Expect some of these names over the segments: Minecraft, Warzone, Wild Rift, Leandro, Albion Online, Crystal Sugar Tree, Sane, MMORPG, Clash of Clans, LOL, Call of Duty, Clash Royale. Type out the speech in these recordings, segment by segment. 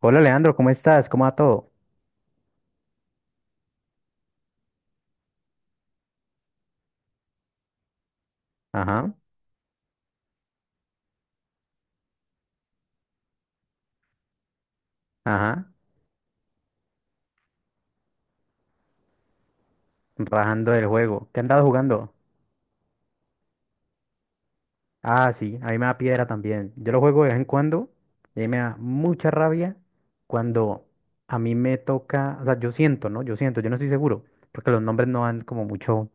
Hola Leandro, ¿cómo estás? ¿Cómo va todo? Ajá, ajá, rajando el juego. ¿Qué han dado jugando? Ah, sí, a mí me da piedra también. Yo lo juego de vez en cuando y ahí me da mucha rabia cuando a mí me toca, o sea, yo siento, ¿no? Yo siento, yo no estoy seguro, porque los nombres no dan como mucho,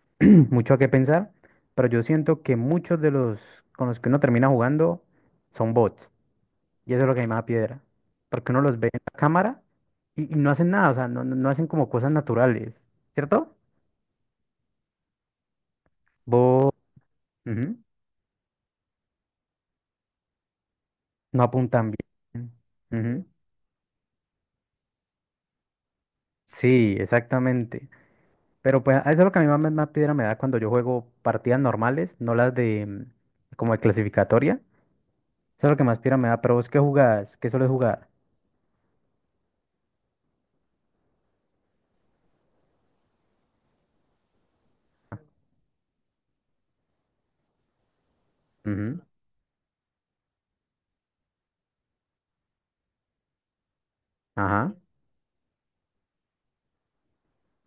mucho a qué pensar, pero yo siento que muchos de los con los que uno termina jugando son bots y eso es lo que a mí me da piedra, porque uno los ve en la cámara y, no hacen nada, o sea, no hacen como cosas naturales, ¿cierto? Vos ujú, no apuntan bien. Ujú. Sí, exactamente. Pero pues eso es lo que a mi mamá más piedra me da cuando yo juego partidas normales, no las de como de clasificatoria. Eso es lo que más piedra me da. Pero vos qué jugás, qué sueles jugar. Ujú. Ajá.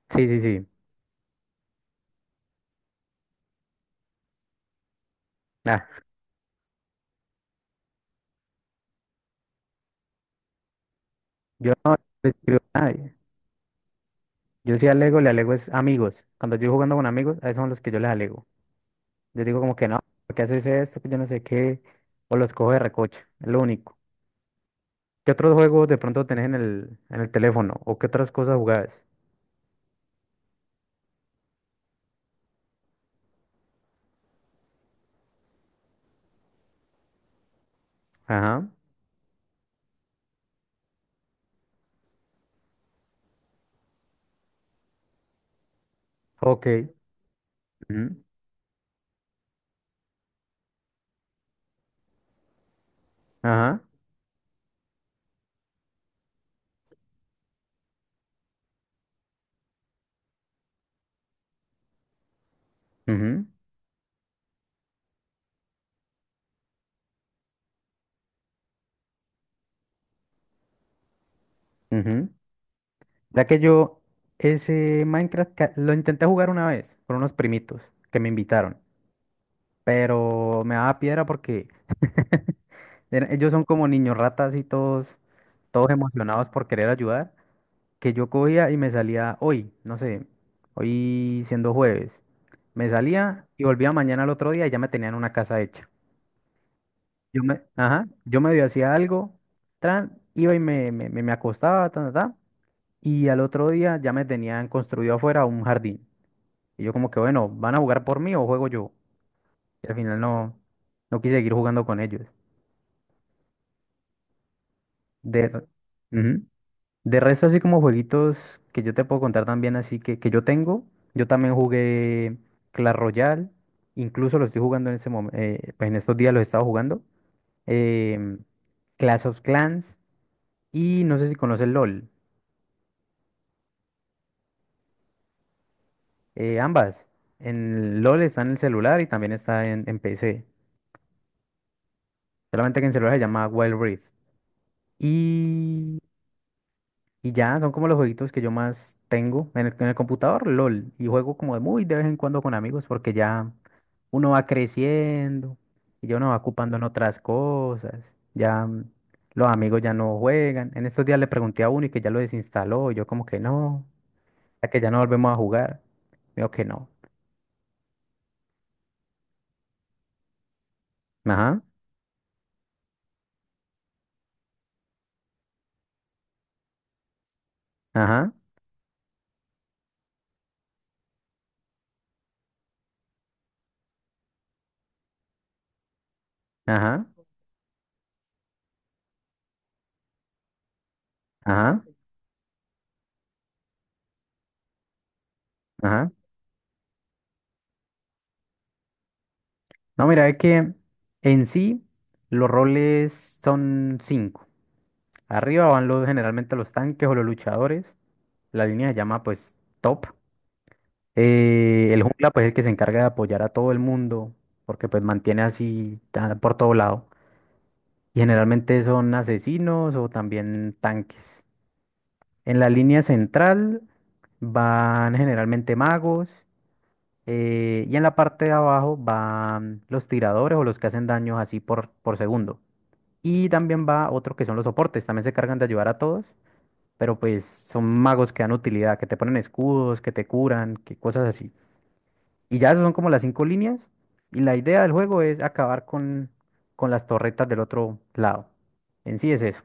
Sí, sí, sí. Ah, yo no le escribo a nadie. Yo sí alego, le alego es amigos. Cuando yo estoy jugando con amigos, a esos son los que yo les alego. Yo digo como que no, ¿por qué haces esto? Que yo no sé qué. O los cojo de recocha. Es lo único. ¿Qué otros juegos de pronto tenés en el teléfono? ¿O qué otras cosas jugás? Ajá, ok. Ujú, ajá, ujú, ujú. Ya que yo ese Minecraft lo intenté jugar una vez con unos primitos que me invitaron, pero me daba piedra porque ellos son como niños ratas y todos, todos emocionados por querer ayudar, que yo cogía y me salía hoy, no sé, hoy siendo jueves, me salía y volvía mañana al otro día y ya me tenían una casa hecha. Yo me, ajá, yo medio hacía algo, tran, iba y me acostaba, ta, ta, ta, y al otro día ya me tenían construido afuera un jardín. Y yo como que, bueno, ¿van a jugar por mí o juego yo? Y al final no, no quise seguir jugando con ellos. De, re- ujú. De resto, así como jueguitos que yo te puedo contar también, así que yo tengo, yo también jugué Clash Royale, incluso lo estoy jugando en ese momento, pues en estos días lo he estado jugando, em, Clash of Clans, y no sé si conoces LOL. Ambas. En LOL está en el celular y también está en PC. Solamente que en celular se llama Wild Rift. Y, y ya, son como los jueguitos que yo más tengo en el computador, LOL. Y juego como de muy de vez en cuando con amigos porque ya uno va creciendo y ya uno va ocupando en otras cosas. Ya los amigos ya no juegan. En estos días le pregunté a uno y que ya lo desinstaló. Y yo como que no, ya que ya no volvemos a jugar. Me dijo que no. Ajá, ajá, ajá, ajá. Ajá. No, mira, es que en sí los roles son cinco. Arriba van los, generalmente los tanques o los luchadores. La línea se llama pues top. El jungla pues es el que se encarga de apoyar a todo el mundo porque pues mantiene así por todo lado. Y generalmente son asesinos o también tanques. En la línea central van generalmente magos. Eh, y en la parte de abajo van los tiradores o los que hacen daños así por segundo. Y también va otro que son los soportes, también se cargan de ayudar a todos, pero pues son magos que dan utilidad, que te ponen escudos, que te curan, que cosas así. Y ya esas son como las cinco líneas. Y la idea del juego es acabar con las torretas del otro lado. En sí es eso.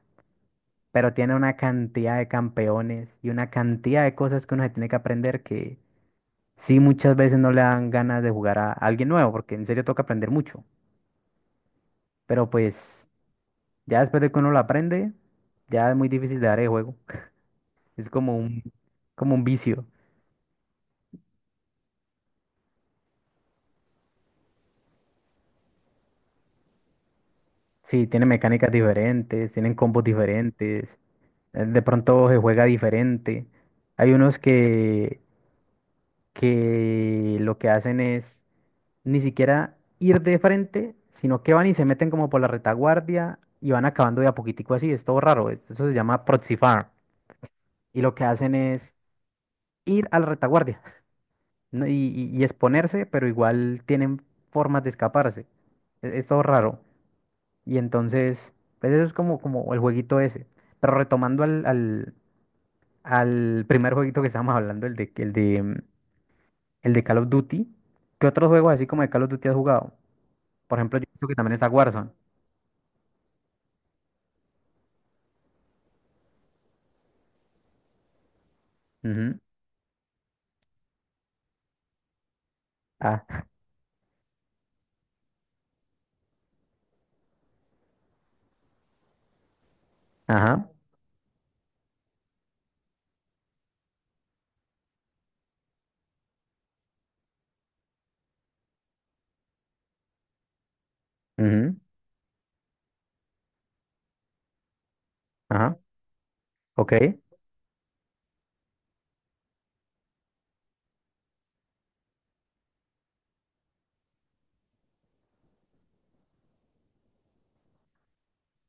Pero tiene una cantidad de campeones y una cantidad de cosas que uno se tiene que aprender que sí muchas veces no le dan ganas de jugar a alguien nuevo, porque en serio toca aprender mucho. Pero pues ya después de que uno lo aprende, ya es muy difícil de dar el juego. Es como un vicio. Sí, tiene mecánicas diferentes, tienen combos diferentes, de pronto se juega diferente. Hay unos que lo que hacen es ni siquiera ir de frente, sino que van y se meten como por la retaguardia y van acabando de a poquitico así. Es todo raro. Eso se llama proxy farm. Y lo que hacen es ir a la retaguardia ¿no? y, y exponerse, pero igual tienen formas de escaparse. Es todo raro. Y entonces, pues eso es como, como el jueguito ese. Pero retomando al primer jueguito que estábamos hablando, el de, el de, el de Call of Duty, ¿qué otros juegos así como de Call of Duty has jugado? Por ejemplo, yo pienso que también está Warzone. Ujú. Ah, ajá, ujú, ajá, ok.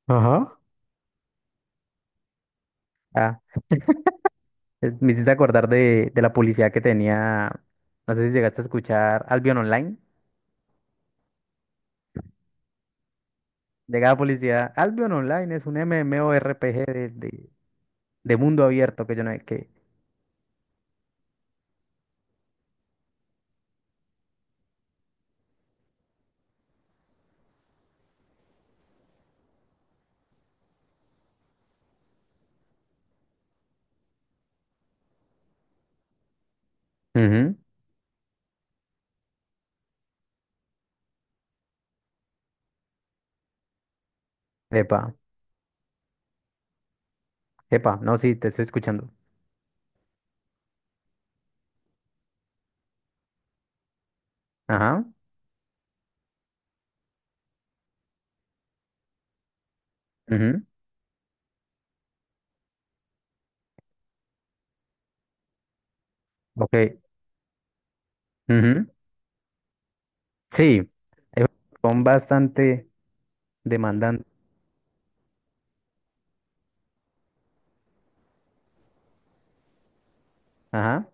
Ajá. Ah, me hiciste acordar de la publicidad que tenía, no sé si llegaste a escuchar Albion Online. Llegaba publicidad, Albion Online es un MMORPG de mundo abierto que yo no sé qué. Epa, epa, no, sí, te estoy escuchando. Ajá, ujú, ok, ujú. Sí, es un juego bastante demandante. Ajá,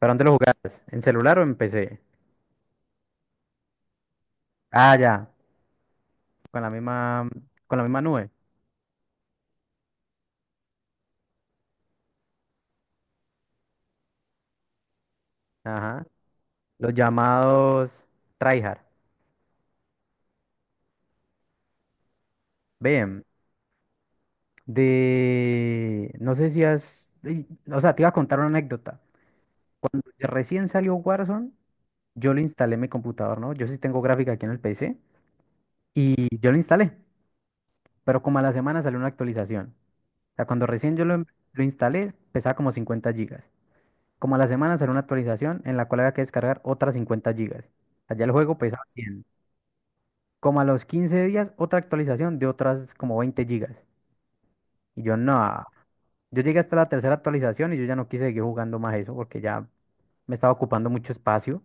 ¿para dónde lo jugabas? ¿En celular o en PC? Ah, ya, con la misma, con la misma nube. Ajá, los llamados tryhard. Bien, de, no sé si has, o sea, te iba a contar una anécdota. Recién salió Warzone, yo lo instalé en mi computador, ¿no? Yo sí tengo gráfica aquí en el PC y yo lo instalé. Pero como a la semana salió una actualización. O sea, cuando recién yo lo, lo instalé, pesaba como 50 gigas. Como a la semana salió una actualización en la cual había que descargar otras 50 gigas. Allá el juego pesaba 100. Como a los 15 días, otra actualización de otras como 20 gigas. Y yo, no. Yo llegué hasta la tercera actualización y yo ya no quise seguir jugando más eso porque ya me estaba ocupando mucho espacio.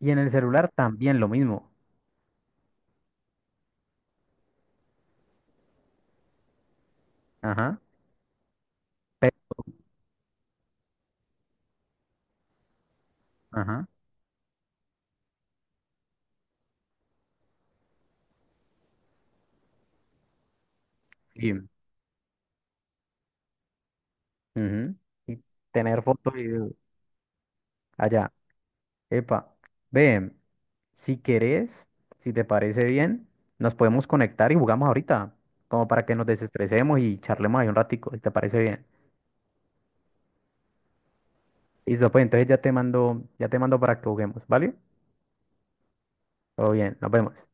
Y en el celular también lo mismo. Ajá. pe- Ajá. Sí. Ujú, y tener foto y video. Allá. Epa. Ve. Si querés, si te parece bien, nos podemos conectar y jugamos ahorita, como para que nos desestresemos y charlemos ahí un ratico, si te parece bien. Listo, pues entonces ya te mando para que juguemos, ¿vale? Todo bien, nos vemos.